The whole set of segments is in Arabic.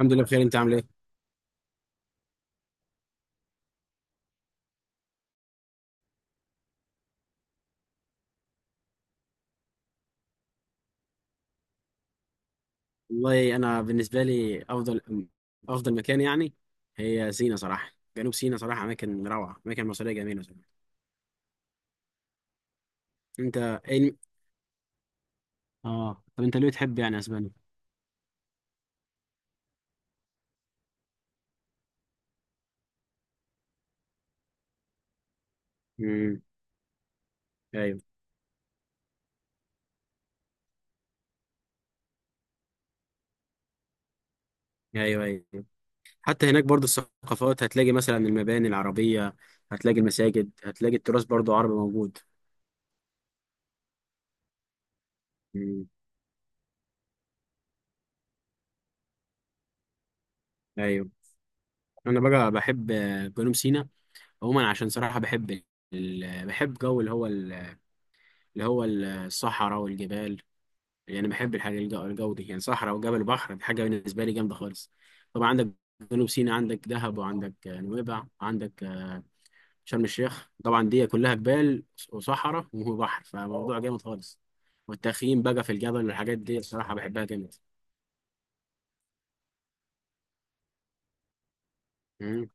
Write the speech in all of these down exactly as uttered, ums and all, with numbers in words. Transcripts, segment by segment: الحمد لله بخير، انت عامل ايه؟ والله انا بالنسبه لي افضل افضل مكان يعني، هي سينا صراحه، جنوب سينا صراحه. اماكن روعه، اماكن مصريه جميله صراحه. انت ايه الم- اه، طب انت ليه تحب يعني اسبانيا؟ امم. ايوه. ايوه، ايوه. حتى هناك برضو الثقافات، هتلاقي مثلا المباني العربيه، هتلاقي المساجد، هتلاقي التراث برضو عربي موجود. امم. ايوه. انا بقى بحب آه، جنوب سينا عموما، عشان صراحه بحب ال... بحب جو اللي هو ال... اللي هو الصحراء والجبال. يعني بحب الحاجة الج- الجو دي، يعني صحراء وجبل بحر، دي حاجة بالنسبة لي جامدة خالص. طبعا عندك جنوب سيناء، عندك دهب، وعندك آه، نويبع، وعندك آه، شرم الشيخ. طبعا دي كلها جبال وصحراء وبحر، فموضوع جامد خالص. والتخييم بقى في الجبل والحاجات دي الصراحة بحبها جامد. مم.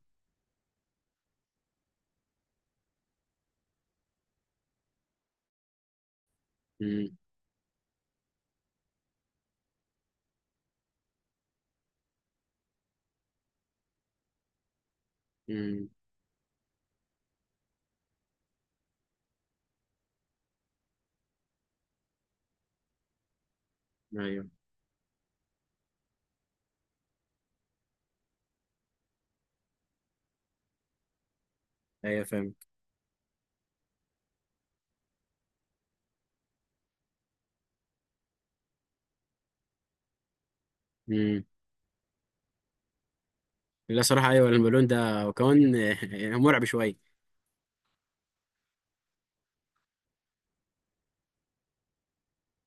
مم. مم. ايوه، ايوه، فاهم. مم. لا صراحة، ايوه البالون ده، وكمان آه، مرعب شوية.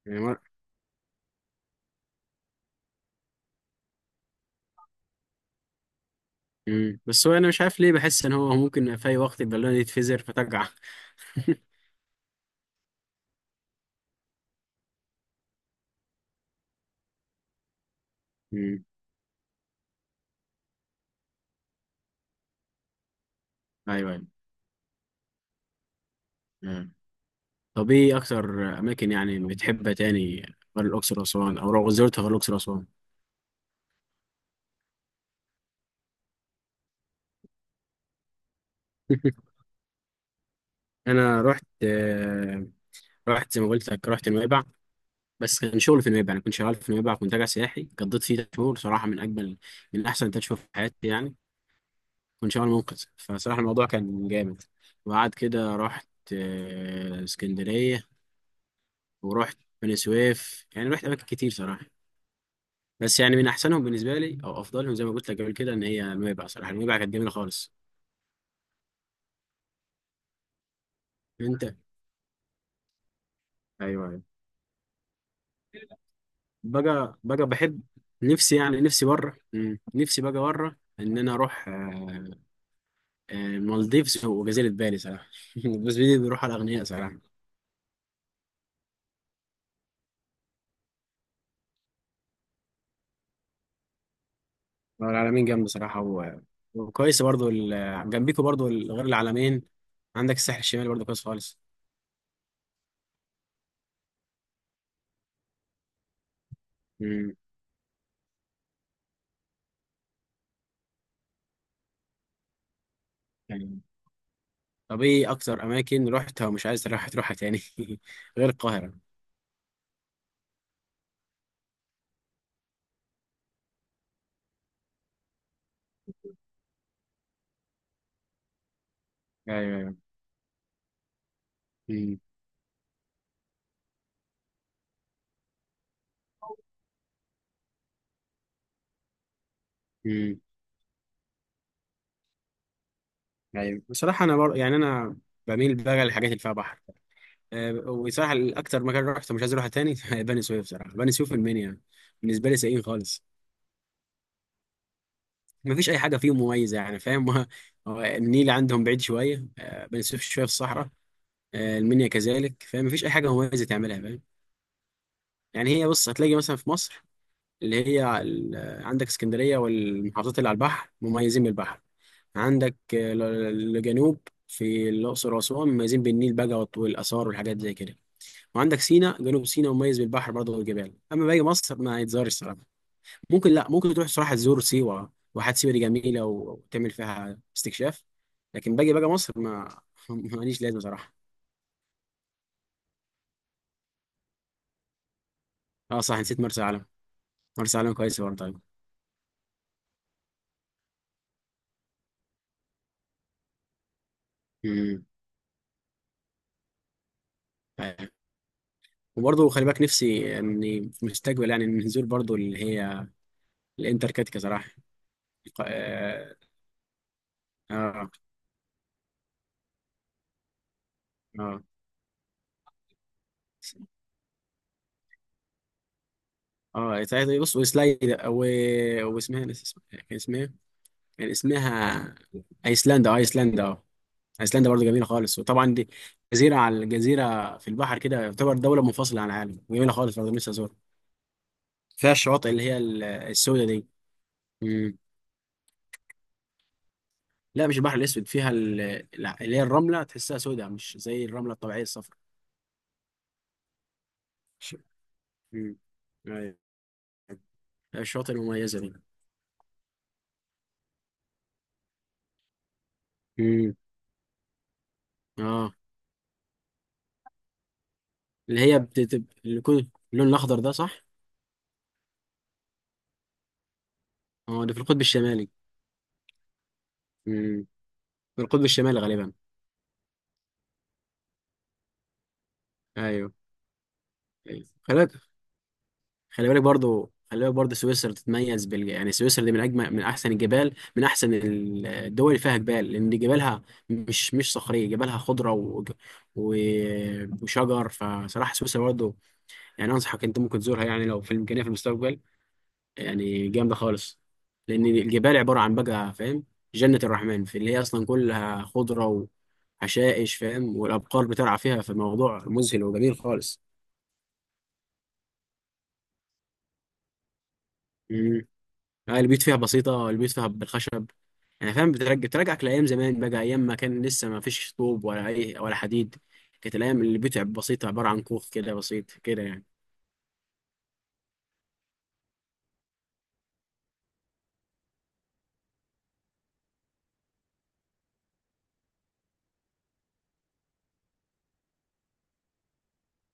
يعني مر... مم. بس هو انا مش عارف ليه بحس ان هو ممكن في اي وقت البالون يتفزر فتقع. مم. ايوه، أيوة. مم. طب ايه اكتر اماكن يعني بتحبها تاني غير الاقصر واسوان، او لو زرتها غير الاقصر واسوان؟ انا رحت آه، رحت زي ما قلت لك، رحت نويبع. بس كان شغل في نويبع، انا كنت شغال في نويبع، كنت راجع سياحي، قضيت فيه ثلاث شهور صراحه. من اجمل من احسن ثلاث شهور في حياتي يعني. كنت شغال منقذ، فصراحه الموضوع كان جامد. وبعد كده رحت آه، اسكندريه، ورحت بني سويف، يعني رحت اماكن كتير صراحه. بس يعني من احسنهم بالنسبه لي، او افضلهم زي ما قلت لك قبل كده، ان هي نويبع صراحه. نويبع كانت جميله خالص. انت ايوه، ايوه. بقى بقى بحب. نفسي يعني، نفسي بره. مم. نفسي بقى بره ان انا اروح آه، آه، المالديفز وجزيره بالي صراحه. بس بدي بروح على الاغنياء صراحه. هو العلمين جنب صراحه، و... وكويس برضو، ال... جنبيكوا برضو ال- غير العلمين، عندك الساحل الشمالي برضو كويس خالص. مم. يعني طب، ايه اكتر اماكن رحتها ومش عايز تروح تروحها تاني غير القاهره؟ ايوه، ايوه. مم. مم. ايوه، بصراحه انا بر... يعني انا بميل بقى للحاجات اللي فيها بحر آه، وصراحة الأكتر مكان رحته مش عايز أروحه تاني بني سويف، صراحة بني سويف المنيا بالنسبة لي سيئين خالص. مفيش أي حاجة فيهم مميزة يعني، فاهم؟ هو- هو النيل عندهم بعيد شوية آه، بني سويف شوية في الصحراء آه، المنيا كذلك، فاهم؟ مفيش أي حاجة مميزة تعملها، فاهم؟ يعني هي بص، هتلاقي مثلا في مصر اللي هي ال- آه، عندك اسكندرية والمحافظات اللي على البحر مميزين بالبحر. عندك آه، ال- الجنوب في الأقصر وأسوان مميزين بالنيل بقى والآثار والحاجات زي كده. وعندك سينا، جنوب سينا مميز بالبحر برضه والجبال. اما باقي مصر ما يتزارش الصراحه. ممكن، لا ممكن تروح صراحه تزور سيوه، واحات سيوه دي جميله و- وتعمل فيها استكشاف. لكن باجي بقى مصر ما ماليش لازمه صراحه. اه صح، نسيت مرسى علم. مرسى علم كويسه برضه طيب. امم. طيب. وبرضه خلي بالك، نفسي اني في المستقبل يعني نزور برضه اللي هي الانتاركتيكا صراحه. اه. اه. اه. آه. بص وسلايد و... واسمها، نسيت اسمها. كان اسمها إيه؟ كان اسمها ايسلندا. اه، ايسلندا. اه. ايسلندا برضه جميله خالص، وطبعا دي جزيره، على الجزيره في البحر كده، يعتبر دوله منفصله عن العالم، جميله خالص، برضه نفسي ازورها. فيها الشواطئ اللي هي ال- السوداء دي. مم. لا، مش البحر الاسود، فيها ال- ال- اللي هي الرمله تحسها سوداء، مش زي الرمله الطبيعيه الصفراء. ش- مم. أيوة. الشواطئ المميزه دي. مم. اه، اللي هي بتبقى اللون الاخضر ده، صح؟ اه، ده في القطب الشمالي. مم. في القطب الشمالي غالبا. ايوه، أيوة. خلي بالك. خلي بالك برضو، خلي بالك برضو سويسرا تتميز بال، يعني سويسرا دي من اجمل، من احسن الجبال، من احسن ال- الدول اللي فيها جبال، لان جبالها مش مش صخريه، جبالها خضره و... و... وشجر. فصراحه سويسرا برضو يعني انصحك، انت ممكن تزورها يعني لو في الامكانيه في المستقبل. يعني جامده خالص، لان الجبال عباره عن بقى، فاهم، جنه الرحمن، في اللي هي اصلا كلها خضره وحشائش، فاهم، والابقار بترعى فيها، فالموضوع مذهل وجميل خالص. لا، البيوت فيها بسيطة، البيوت فيها بالخشب يعني، فاهم. بترجع، بترجعك لأيام زمان بقى، أيام ما كان لسه ما فيش طوب ولا أي ولا حديد. كانت الأيام اللي البيوت بسيطة، عبارة عن كوخ كده بسيط كده يعني.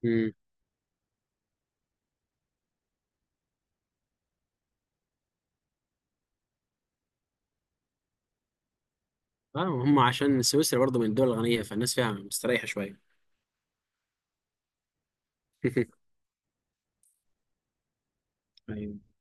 امم. اه هم، عشان سويسرا برضه من الدول الغنية، فالناس فيها مستريحة شوية.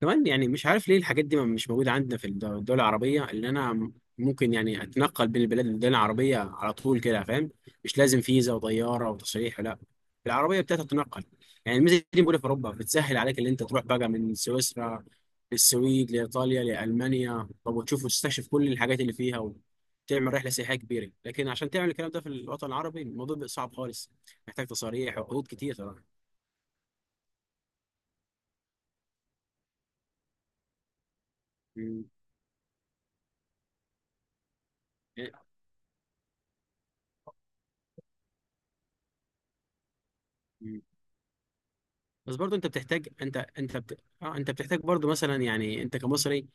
كمان يعني مش عارف ليه الحاجات دي مش موجودة عندنا في الد- الدول العربية اللي أنا ممكن يعني أتنقل بين البلاد الدول العربية على طول كده، فاهم؟ مش لازم فيزا وطيارة وتصريح، لا، العربية بتاعتها تتنقل. يعني الميزة دي موجودة في أوروبا، بتسهل عليك اللي أنت تروح بقى من سويسرا للسويد لإيطاليا لألمانيا، طب وتشوف وتستكشف كل الحاجات اللي فيها وتعمل رحلة سياحية كبيرة. لكن عشان تعمل الكلام ده في الوطن العربي الموضوع بيبقى صعب خالص، محتاج تصاريح وعقود كتير طبعا. مم. بس برضو انت بتحتاج انت انت بت... اه انت بتحتاج برضو مثلا، يعني انت كمصري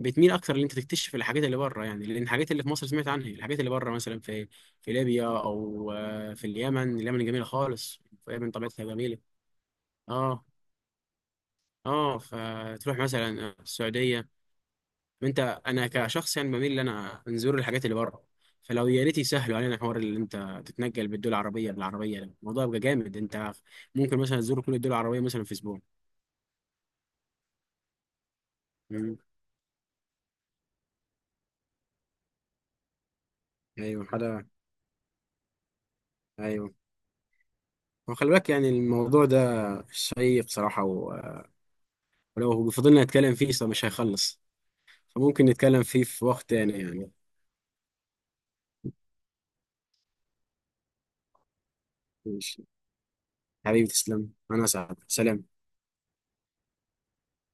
بتميل اكتر ان انت تكتشف الحاجات اللي بره يعني، لان الحاجات اللي في مصر سمعت عنها، الحاجات اللي بره مثلا في في ليبيا، او آه، في اليمن. اليمن جميله خالص. اليمن طبيعتها جميله. اه. اه، فتروح مثلا السعوديه. انت انا كشخص يعني بميل ان انا نزور الحاجات اللي بره. فلو يا ريت يسهلوا علينا، حوار اللي انت تتنقل بالدول العربيه بالعربيه، ده الموضوع يبقى جامد. انت ممكن مثلا تزور كل الدول العربيه مثلا في اسبوع. مم. ايوه حدا. ايوه. وخلي بالك يعني الموضوع ده شيق صراحة، و- ولو فضلنا نتكلم فيه صراحة مش هيخلص. فممكن نتكلم فيه في وقت تاني يعني. ماشي. حبيبي تسلم. أنا سعد. سلام.